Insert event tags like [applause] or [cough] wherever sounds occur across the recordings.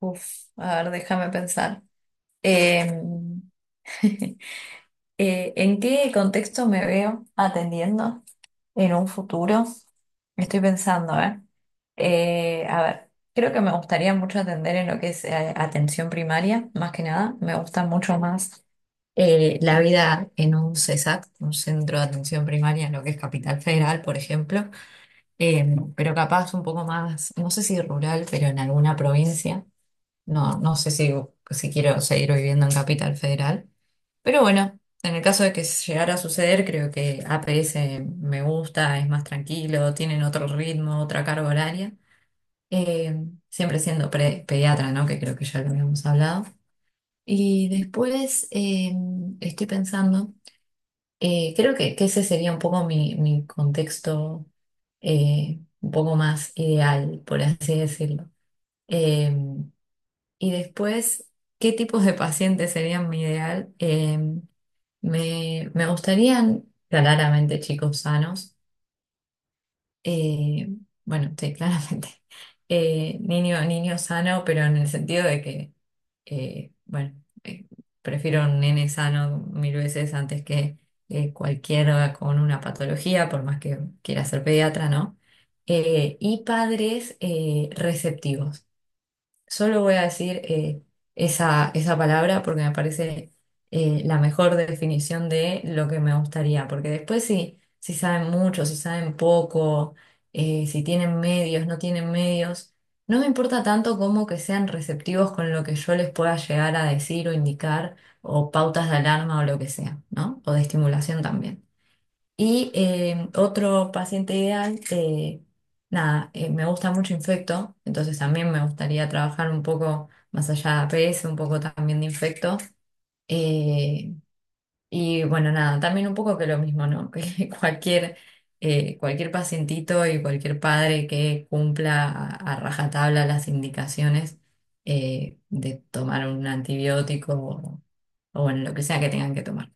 Uf, a ver, déjame pensar. Em, [laughs] ¿en qué contexto me veo atendiendo en un futuro? Estoy pensando, ¿eh? A ver, creo que me gustaría mucho atender en lo que es atención primaria, más que nada. Me gusta mucho más la vida en un CESAC, un centro de atención primaria, en lo que es Capital Federal, por ejemplo. Pero capaz un poco más, no sé si rural, pero en alguna provincia. No, no sé si, si quiero seguir viviendo en Capital Federal, pero bueno, en el caso de que llegara a suceder, creo que APS me gusta, es más tranquilo, tienen otro ritmo, otra carga horaria, siempre siendo pediatra, ¿no? Que creo que ya lo habíamos hablado. Y después estoy pensando, creo que ese sería un poco mi contexto un poco más ideal, por así decirlo. Eh, y después, ¿qué tipos de pacientes serían mi ideal? Me gustarían claramente chicos sanos. Eh, bueno, sí, [laughs] claramente. Niño sano, pero en el sentido de que, bueno, eh, prefiero un nene sano mil veces antes que cualquiera con una patología, por más que quiera ser pediatra, ¿no? Y padres receptivos. Solo voy a decir esa palabra porque me parece la mejor definición de lo que me gustaría, porque después si saben mucho, si saben poco, si tienen medios, no tienen medios, no me importa tanto como que sean receptivos con lo que yo les pueda llegar a decir o indicar, o pautas de alarma o lo que sea, ¿no? O de estimulación también. Y otro paciente ideal, nada, me gusta mucho infecto, entonces también me gustaría trabajar un poco más allá de APS, un poco también de infecto. Eh, y bueno, nada, también un poco que lo mismo, ¿no? [laughs] Que cualquier, cualquier pacientito y cualquier padre que cumpla a rajatabla las indicaciones de tomar un antibiótico o bueno, lo que sea que tengan que tomar.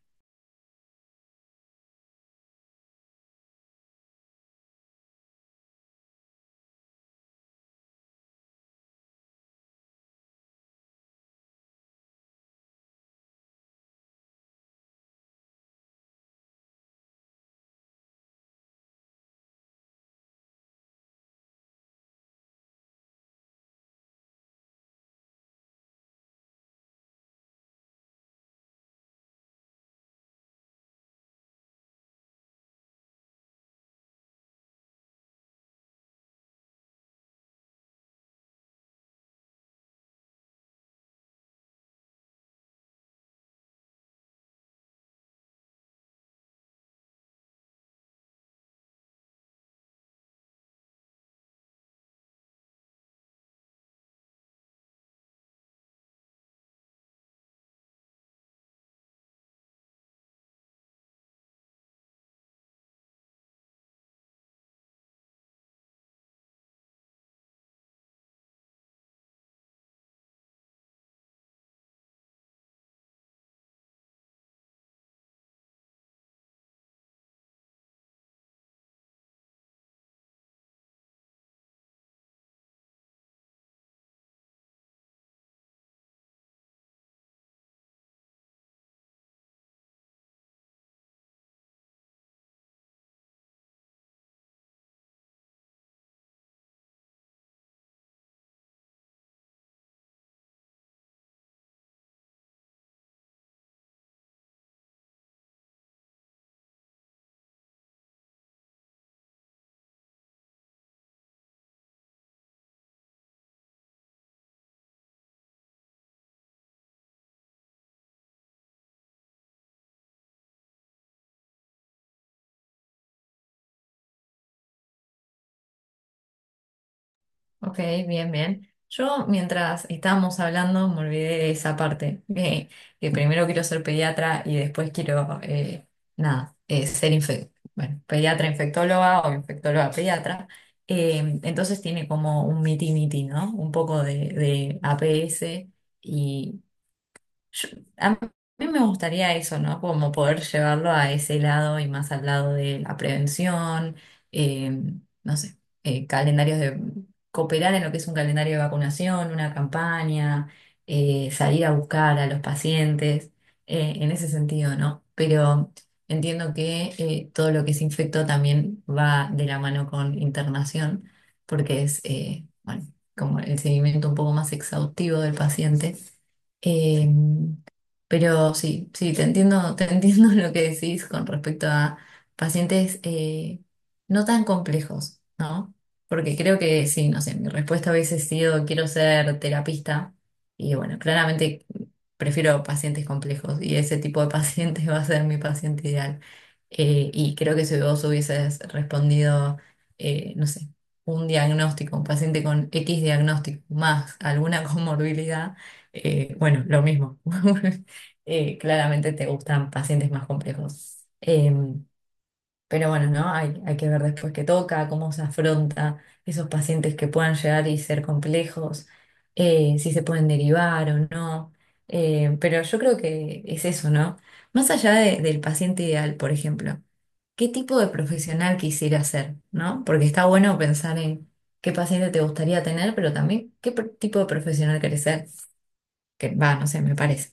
Ok, bien, bien. Yo, mientras estábamos hablando, me olvidé de esa parte, que primero quiero ser pediatra y después quiero, nada, ser bueno, pediatra infectóloga o infectóloga pediatra. Entonces tiene como un miti-miti, ¿no? Un poco de APS yo- a mí me gustaría eso, ¿no? Como poder llevarlo a ese lado y más al lado de la prevención, eh, no sé, calendarios de cooperar en lo que es un calendario de vacunación, una campaña, salir a buscar a los pacientes, en ese sentido, ¿no? Pero entiendo que todo lo que es infecto también va de la mano con internación, porque es, bueno, como el seguimiento un poco más exhaustivo del paciente. Em, pero sí, sí, te entiendo, te [laughs] entiendo lo que decís con respecto a pacientes no tan complejos, ¿no? Porque creo que sí, no sé, mi respuesta hubiese sido quiero ser terapista y bueno, claramente prefiero pacientes complejos y ese tipo de paciente [laughs] va a ser mi paciente ideal. Y creo que si vos hubieses respondido, no sé, un diagnóstico, un paciente con X diagnóstico más alguna [laughs] comorbilidad, bueno, lo mismo. [laughs] Claramente te gustan pacientes más complejos. Pero bueno, ¿no? Hay que ver después qué toca, cómo se afronta esos pacientes que puedan llegar y ser complejos, si se pueden derivar o no. Em, pero yo creo que es eso, ¿no? Más allá del paciente ideal, por ejemplo, ¿qué tipo de profesional quisiera ser, ¿no? Porque está bueno pensar en qué paciente te gustaría tener, pero también qué tipo de profesional querés ser. Que va, no sé, me parece.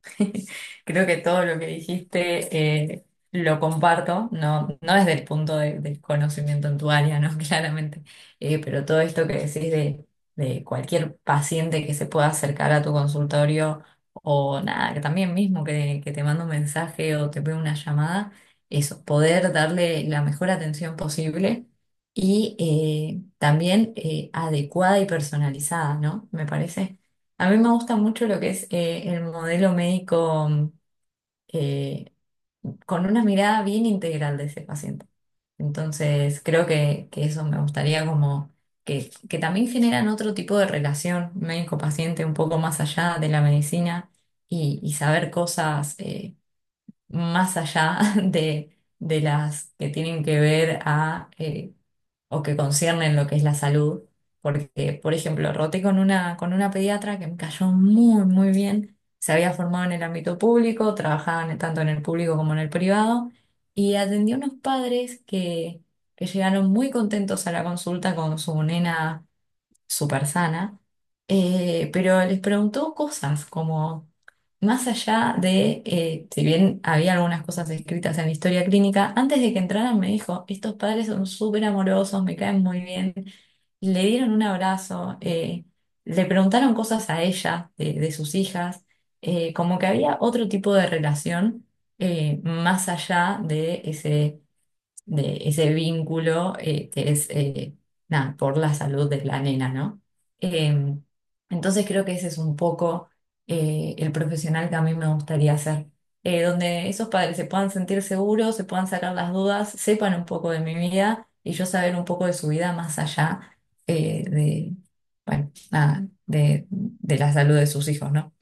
[laughs] Creo que todo lo que dijiste lo comparto, no desde el punto del conocimiento en tu área, ¿no? [laughs] Claramente. Pero todo esto que decís de cualquier paciente que se pueda acercar a tu consultorio o nada, que también mismo que te manda un mensaje o te ve una llamada, eso, poder darle la mejor atención posible y también adecuada y personalizada, ¿no? Me parece. A mí me gusta mucho lo que es el modelo médico mm, eh, con una mirada bien integral de ese paciente. Entonces, creo que eso me gustaría como que también generan otro tipo de relación médico-paciente un poco más allá de la medicina y saber cosas más allá [laughs] de las que tienen que ver a... o que conciernen lo que es la salud, porque, por ejemplo, roté con una pediatra que me cayó muy bien, se había formado en el ámbito público, trabajaba tanto en el público como en el privado, y atendió a unos padres que llegaron muy contentos a la consulta con su nena súper sana, pero les preguntó cosas como, más allá de, si bien había algunas cosas escritas en la historia clínica, antes de que entraran me dijo, estos padres son súper amorosos, me caen muy bien, le dieron un abrazo, le preguntaron cosas a ella, de sus hijas, como que había otro tipo de relación más allá de ese vínculo que es nada, por la salud de la nena, ¿no? Eh, entonces creo que ese es un poco el profesional que a mí me gustaría ser, donde esos padres se puedan sentir seguros, se puedan sacar las dudas, sepan un poco de mi vida y yo saber un poco de su vida más allá de, bueno, nada, de la salud de sus hijos, ¿no?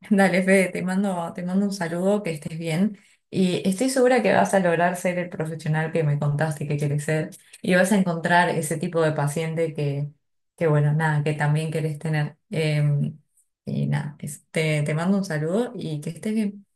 [laughs] Dale, Fede, te mando un saludo, que estés bien. Y estoy segura que vas a lograr ser el profesional que me contaste que quieres ser. Y vas a encontrar ese tipo de paciente que bueno, nada, que también querés tener. Y nada, te mando un saludo y que estés bien.